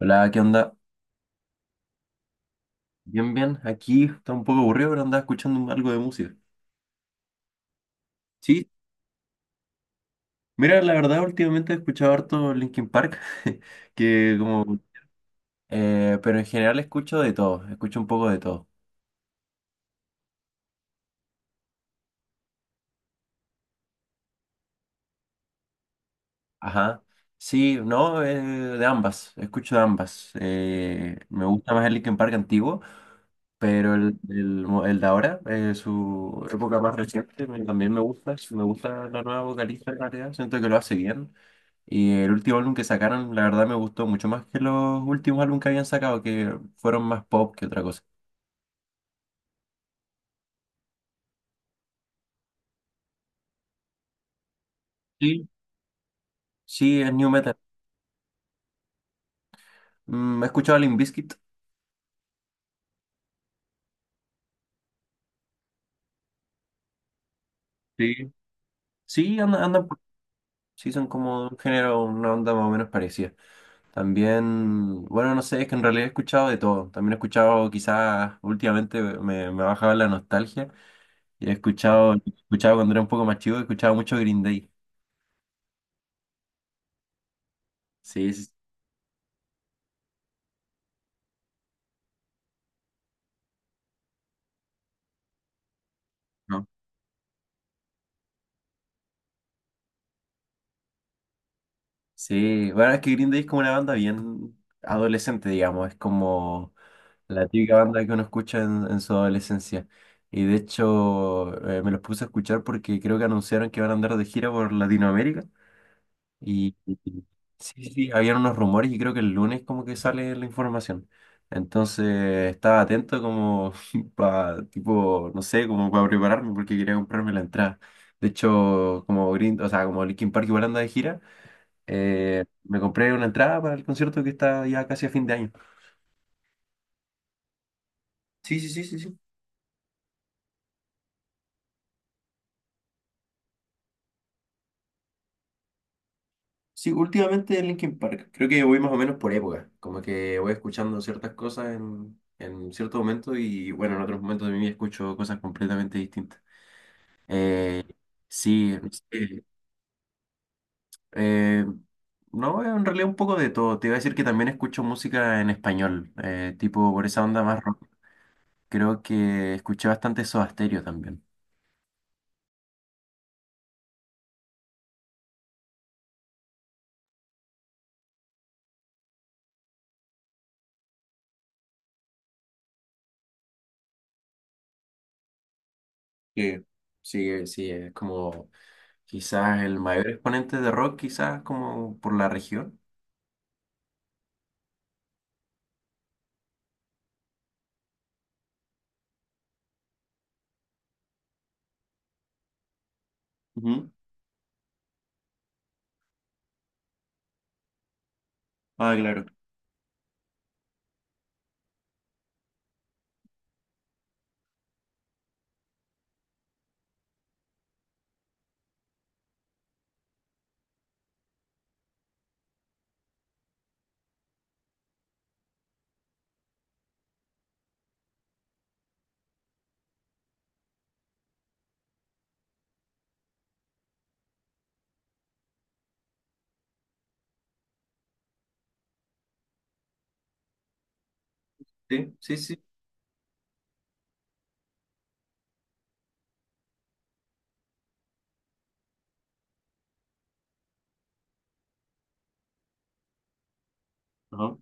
Hola, ¿qué onda? Bien, bien. Aquí está un poco aburrido, pero andaba escuchando algo de música. Sí, mira, la verdad, últimamente he escuchado harto Linkin Park, que como... pero en general escucho de todo, escucho un poco de todo. Ajá. Sí, no, de ambas, escucho de ambas. Me gusta más el Linkin Park antiguo. Pero el de ahora, su época más reciente, también me gusta. Me gusta la nueva vocalista en realidad. Siento que lo hace bien. Y el último álbum que sacaron, la verdad me gustó mucho más que los últimos álbumes que habían sacado, que fueron más pop que otra cosa. Sí. Sí, es new metal. He escuchado a Limp Bizkit. Sí. Sí, andan sí, son como un género, una onda más o menos parecida. También, bueno, no sé, es que en realidad he escuchado de todo. También he escuchado, quizás últimamente me ha bajado la nostalgia. Yo he escuchado cuando era un poco más chico, he escuchado mucho Green Day. Sí, sí, no. Sí, bueno, es que Green Day es como una banda bien adolescente, digamos, es como la típica banda que uno escucha en su adolescencia. Y de hecho, me los puse a escuchar porque creo que anunciaron que van a andar de gira por Latinoamérica. Y, y- y- sí, sí, sí, habían unos rumores y creo que el lunes como que sale la información. Entonces estaba atento como para, tipo, no sé, como para prepararme porque quería comprarme la entrada. De hecho, como o sea, como Linkin Park igual anda de gira, me compré una entrada para el concierto que está ya casi a fin de año. Sí, sí, sí, sí, sí. Sí, últimamente en Linkin Park. Creo que voy más o menos por época. Como que voy escuchando ciertas cosas en ciertos momentos y bueno, en otros momentos de mi vida escucho cosas completamente distintas. Eh, sí, sí, eh, no, en realidad un poco de todo. Te iba a decir que también escucho música en español, tipo por esa onda más rock. Creo que escuché bastante Soda Stereo también. Sí, sí, sí, es como quizás el mayor exponente de rock, quizás como por la región. Ujú. Ah, claro. Sí, sí, sí. Ajá.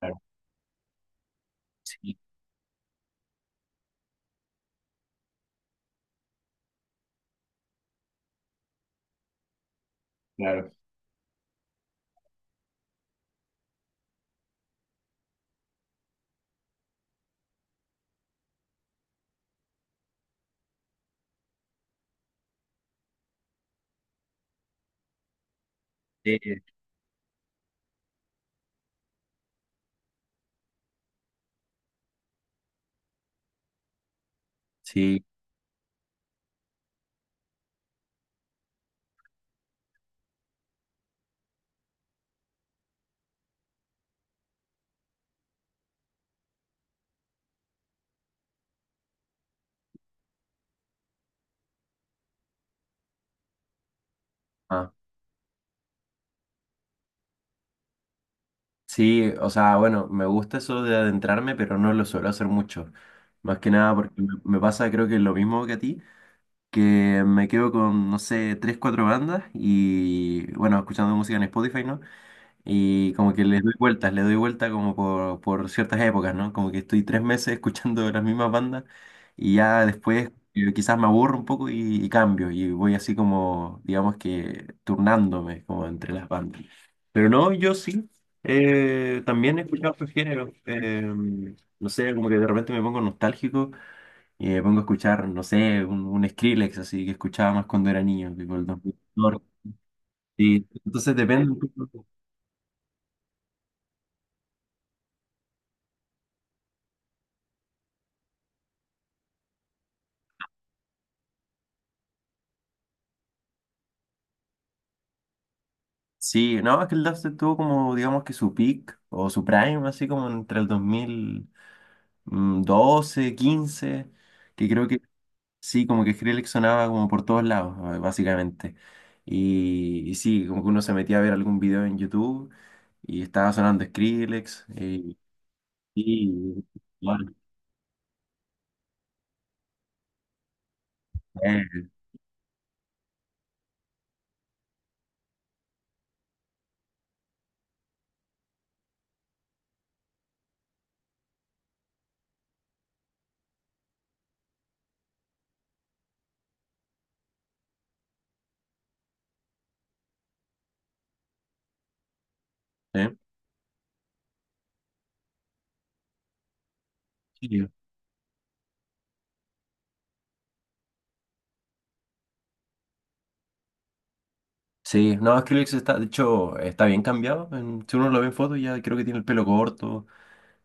Claro. Sí, claro. Sí, sí. Sí, o sea, bueno, me gusta eso de adentrarme, pero no lo suelo hacer mucho. Más que nada porque me pasa, creo que es lo mismo que a ti, que me quedo con, no sé, tres, cuatro bandas y, bueno, escuchando música en Spotify, ¿no? Y como que les doy vueltas, le doy vuelta como por ciertas épocas, ¿no? Como que estoy tres meses escuchando las mismas bandas y ya después quizás me aburro un poco y cambio y voy así como, digamos que turnándome como entre las bandas. Pero no, yo sí, también he escuchado otros géneros. No sé, como que de repente me pongo nostálgico y me pongo a escuchar, no sé, un, Skrillex así que escuchaba más cuando era niño, tipo el 2014. Sí, entonces depende. Sí, no, es que el dubstep tuvo como, digamos que su peak o su prime, así como entre el 2012-2015, que creo que sí, como que Skrillex sonaba como por todos lados, básicamente. Y sí, como que uno se metía a ver algún video en YouTube y estaba sonando Skrillex. Y- bueno, eh, eh, sí. Sí, no, Skrillex está, de hecho, está bien cambiado. Si uno lo ve en fotos, ya creo que tiene el pelo corto.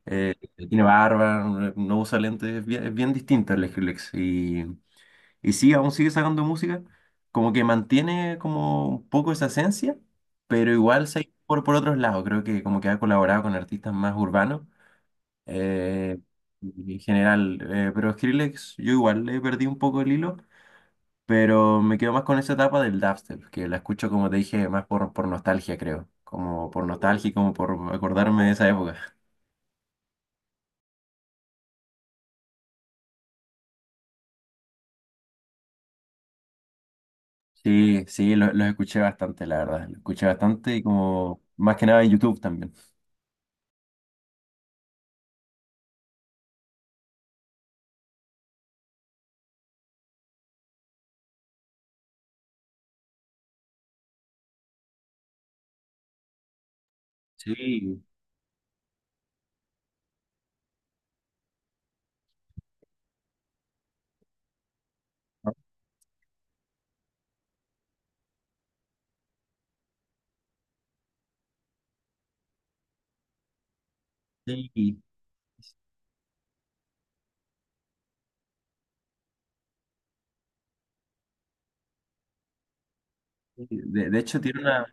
Eh, Tiene barba, no usa lentes, es bien distinta la Skrillex. Y sí, aún sigue sacando música, como que mantiene como un poco esa esencia, pero igual se ha ido por otros lados. Creo que como que ha colaborado con artistas más urbanos eh, en general. Pero Skrillex, yo igual le perdí un poco el hilo, pero me quedo más con esa etapa del dubstep, que la escucho, como te dije, más por nostalgia, creo. Como por nostalgia y como por acordarme de esa época. Sí, sí, los escuché bastante, la verdad. Los escuché bastante y como más que nada en YouTube también. Sí, ¿no? Sí, sí. De hecho tiene una,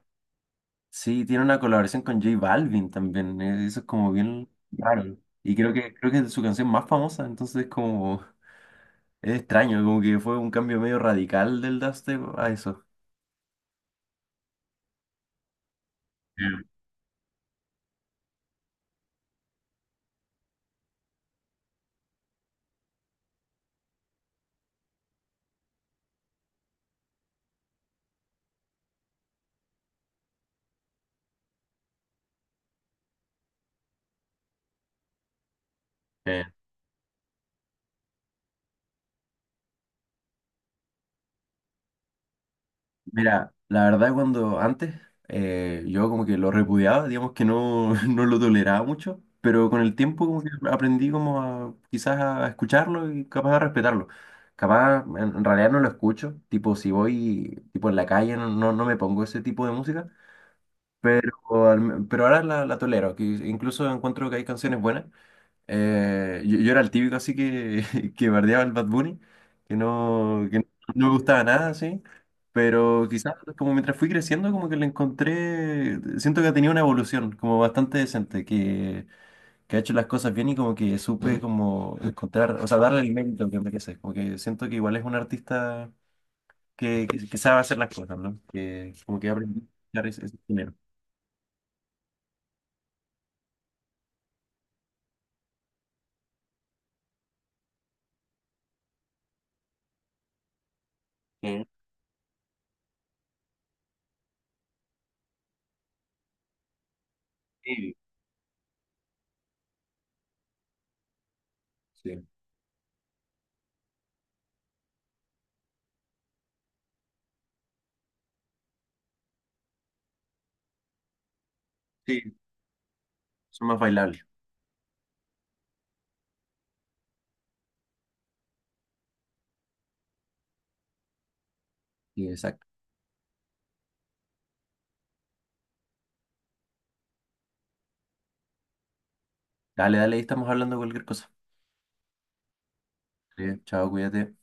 sí, tiene una colaboración con J Balvin también. Eso es como bien raro. Y creo que es su canción más famosa, entonces como es extraño, como que fue un cambio medio radical del dubstep a eso. Mira, la verdad cuando antes yo como que lo repudiaba, digamos que no, no lo toleraba mucho, pero con el tiempo como que aprendí como a quizás a escucharlo y capaz a respetarlo. Capaz en realidad no lo escucho, tipo si voy tipo en la calle no, no, no me pongo ese tipo de música, pero, pero ahora la tolero, que incluso encuentro que hay canciones buenas. Yo era el típico así que, que bardeaba al Bad Bunny, que no me gustaba nada, así. Pero quizás como mientras fui creciendo, como que le encontré, siento que ha tenido una evolución como bastante decente, que ha hecho las cosas bien y como que supe como encontrar, o sea, darle el mérito que merece. Como que siento que igual es un artista que sabe hacer las cosas, ¿no? Que como que aprende a dar ese dinero. Mm, sí, sí, sí, son más bailables. Sí, exacto. Dale, dale, ahí estamos hablando de cualquier cosa. Bien, chao, cuídate.